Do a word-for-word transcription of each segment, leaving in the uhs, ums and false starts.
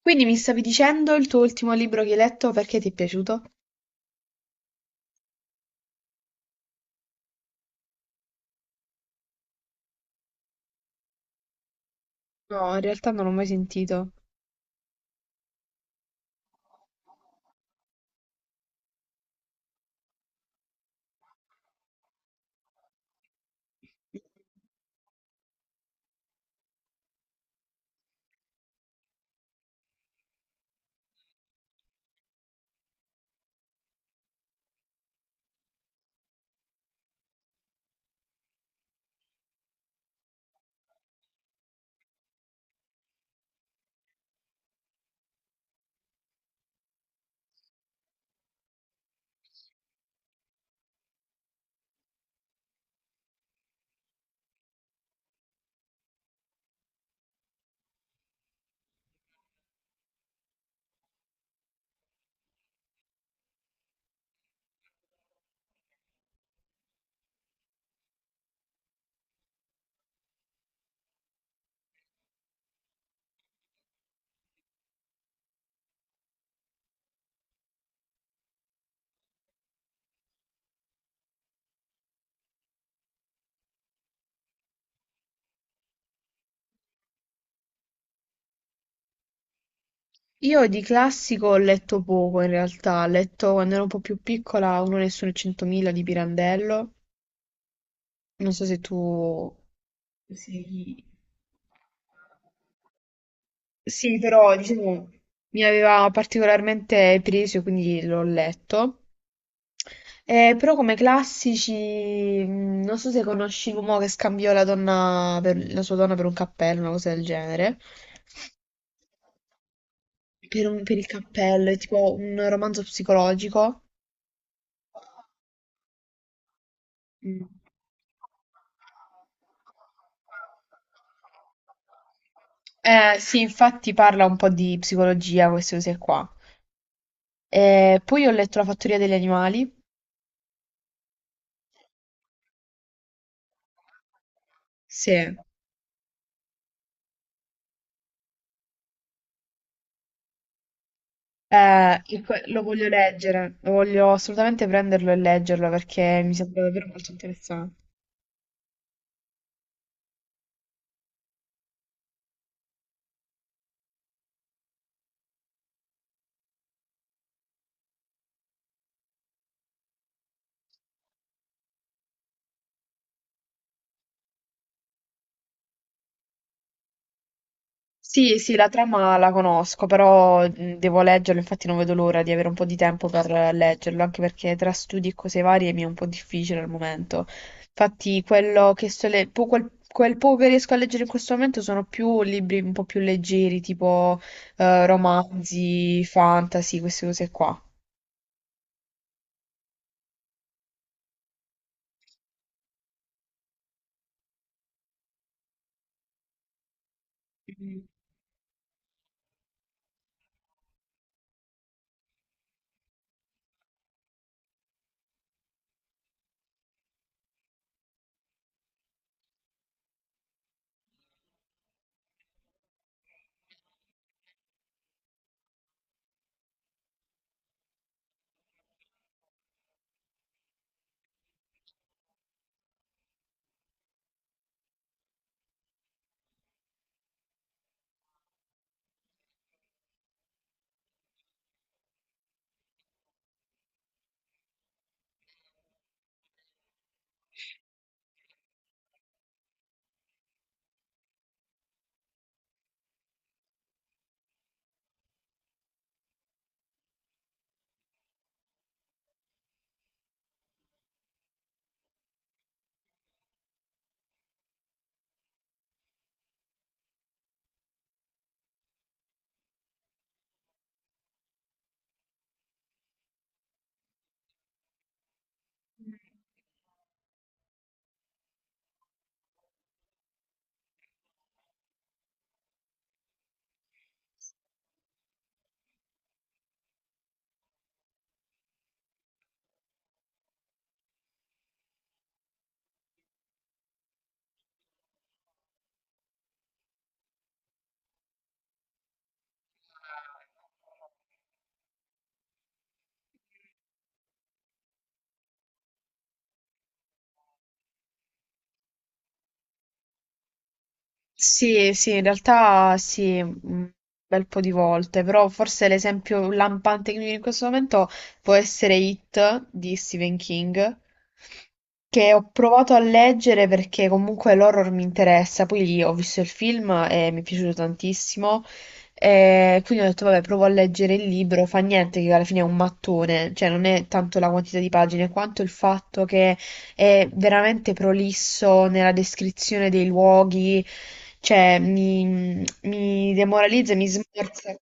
Quindi mi stavi dicendo il tuo ultimo libro che hai letto perché ti è piaciuto? No, in realtà non l'ho mai sentito. Io di classico ho letto poco in realtà, ho letto quando ero un po' più piccola Uno Nessuno e Centomila di Pirandello, non so se tu sei... Sì, però diciamo mi aveva particolarmente preso, quindi l'ho letto. Eh, però come classici, mh, non so se conosci l'uomo che scambiò la donna per- la sua donna per un cappello, una cosa del genere. Per, un- per il cappello, è tipo un romanzo psicologico. Mm. Eh, sì, infatti parla un po' di psicologia, queste cose qua. Eh, poi ho letto La fattoria degli animali. Sì. Eh, il que- lo voglio leggere, lo voglio assolutamente prenderlo e leggerlo perché mi sembra davvero molto interessante. Sì, sì, la trama la conosco, però mh, devo leggerlo, infatti non vedo l'ora di avere un po' di tempo per eh, leggerlo, anche perché tra studi e cose varie mi è un po' difficile al momento. Infatti, quello che sto le- po- quel, quel poco che riesco a leggere in questo momento sono più libri un po' più leggeri, tipo eh, romanzi, fantasy, queste cose qua. Sì, sì, in realtà sì, un bel po' di volte, però forse l'esempio lampante che mi viene in questo momento può essere It di Stephen King, che ho provato a leggere perché comunque l'horror mi interessa, poi lì ho visto il film e mi è piaciuto tantissimo, e quindi ho detto vabbè, provo a leggere il libro, fa niente che alla fine è un mattone, cioè non è tanto la quantità di pagine quanto il fatto che è veramente prolisso nella descrizione dei luoghi, cioè mi, mi demoralizza e mi smorza.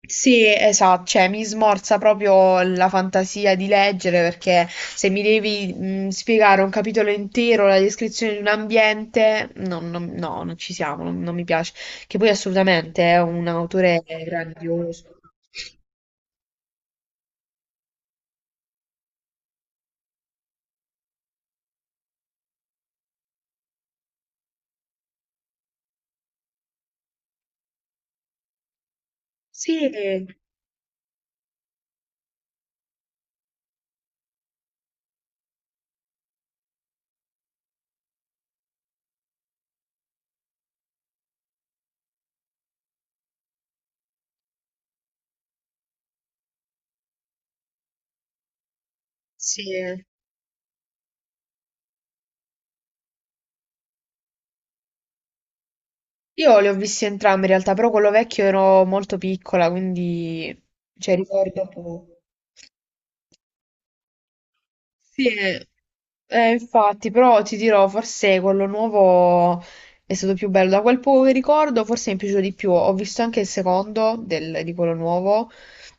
Sì, esatto, cioè mi smorza proprio la fantasia di leggere perché se mi devi mh, spiegare un capitolo intero, la descrizione di un ambiente, no, no, no, non ci siamo, non, non mi piace. Che poi assolutamente è un autore grandioso. Sì, sì. Io li ho visti entrambi in realtà, però quello vecchio ero molto piccola, quindi cioè, ricordo poco. Sì, eh, eh, infatti, però ti dirò, forse quello nuovo è stato più bello. Da quel poco che ricordo, forse mi è piaciuto di più. Ho visto anche il secondo del- di quello nuovo,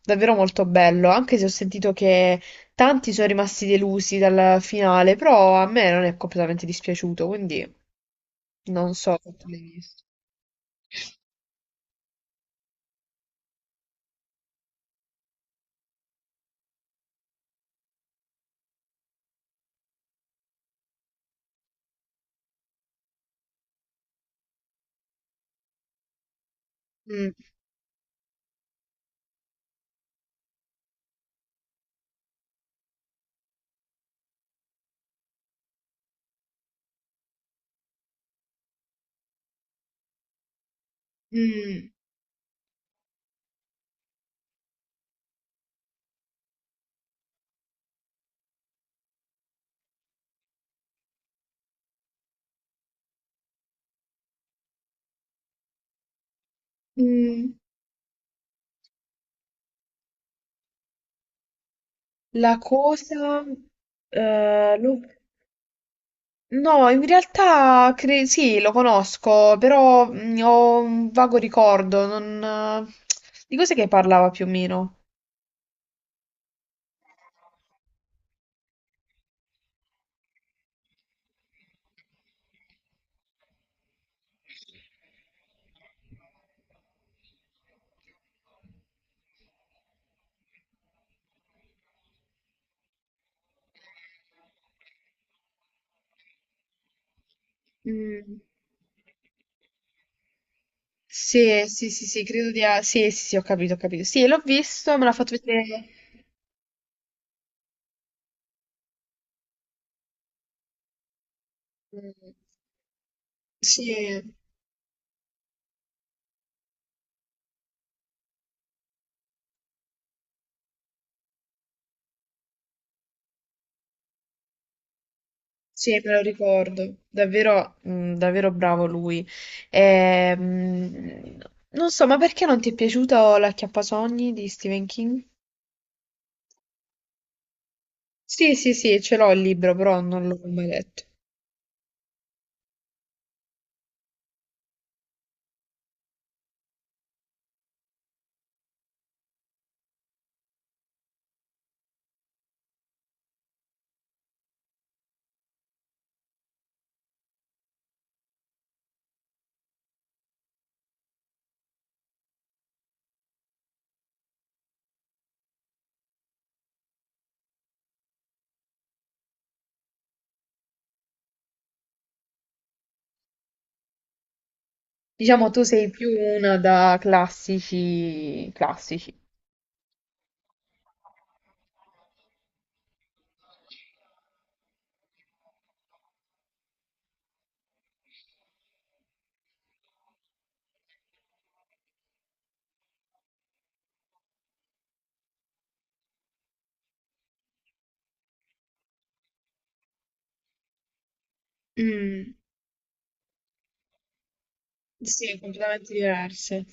davvero molto bello, anche se ho sentito che tanti sono rimasti delusi dal finale, però a me non è completamente dispiaciuto, quindi non so quanto l'hai visto. Mm, mm, mm. La cosa... eh, lo- No, in realtà cre- sì, lo conosco, però mm, ho un vago ricordo. non- Di cos'è che parlava più o meno? Mm. Sì, sì, sì, sì, credo di... a- sì, sì, sì, ho capito, ho capito. Sì, l'ho visto, me l'ha fatto vedere... Mm. Sì. Sì, me lo ricordo, davvero, mh, davvero bravo lui. Ehm, Non so, ma perché non ti è piaciuta L'acchiappasogni di Stephen King? Sì, sì, sì, ce l'ho il libro, però non l'ho mai letto. Diciamo, tu sei più una da classici, classici. Mm, sì, completamente diverse.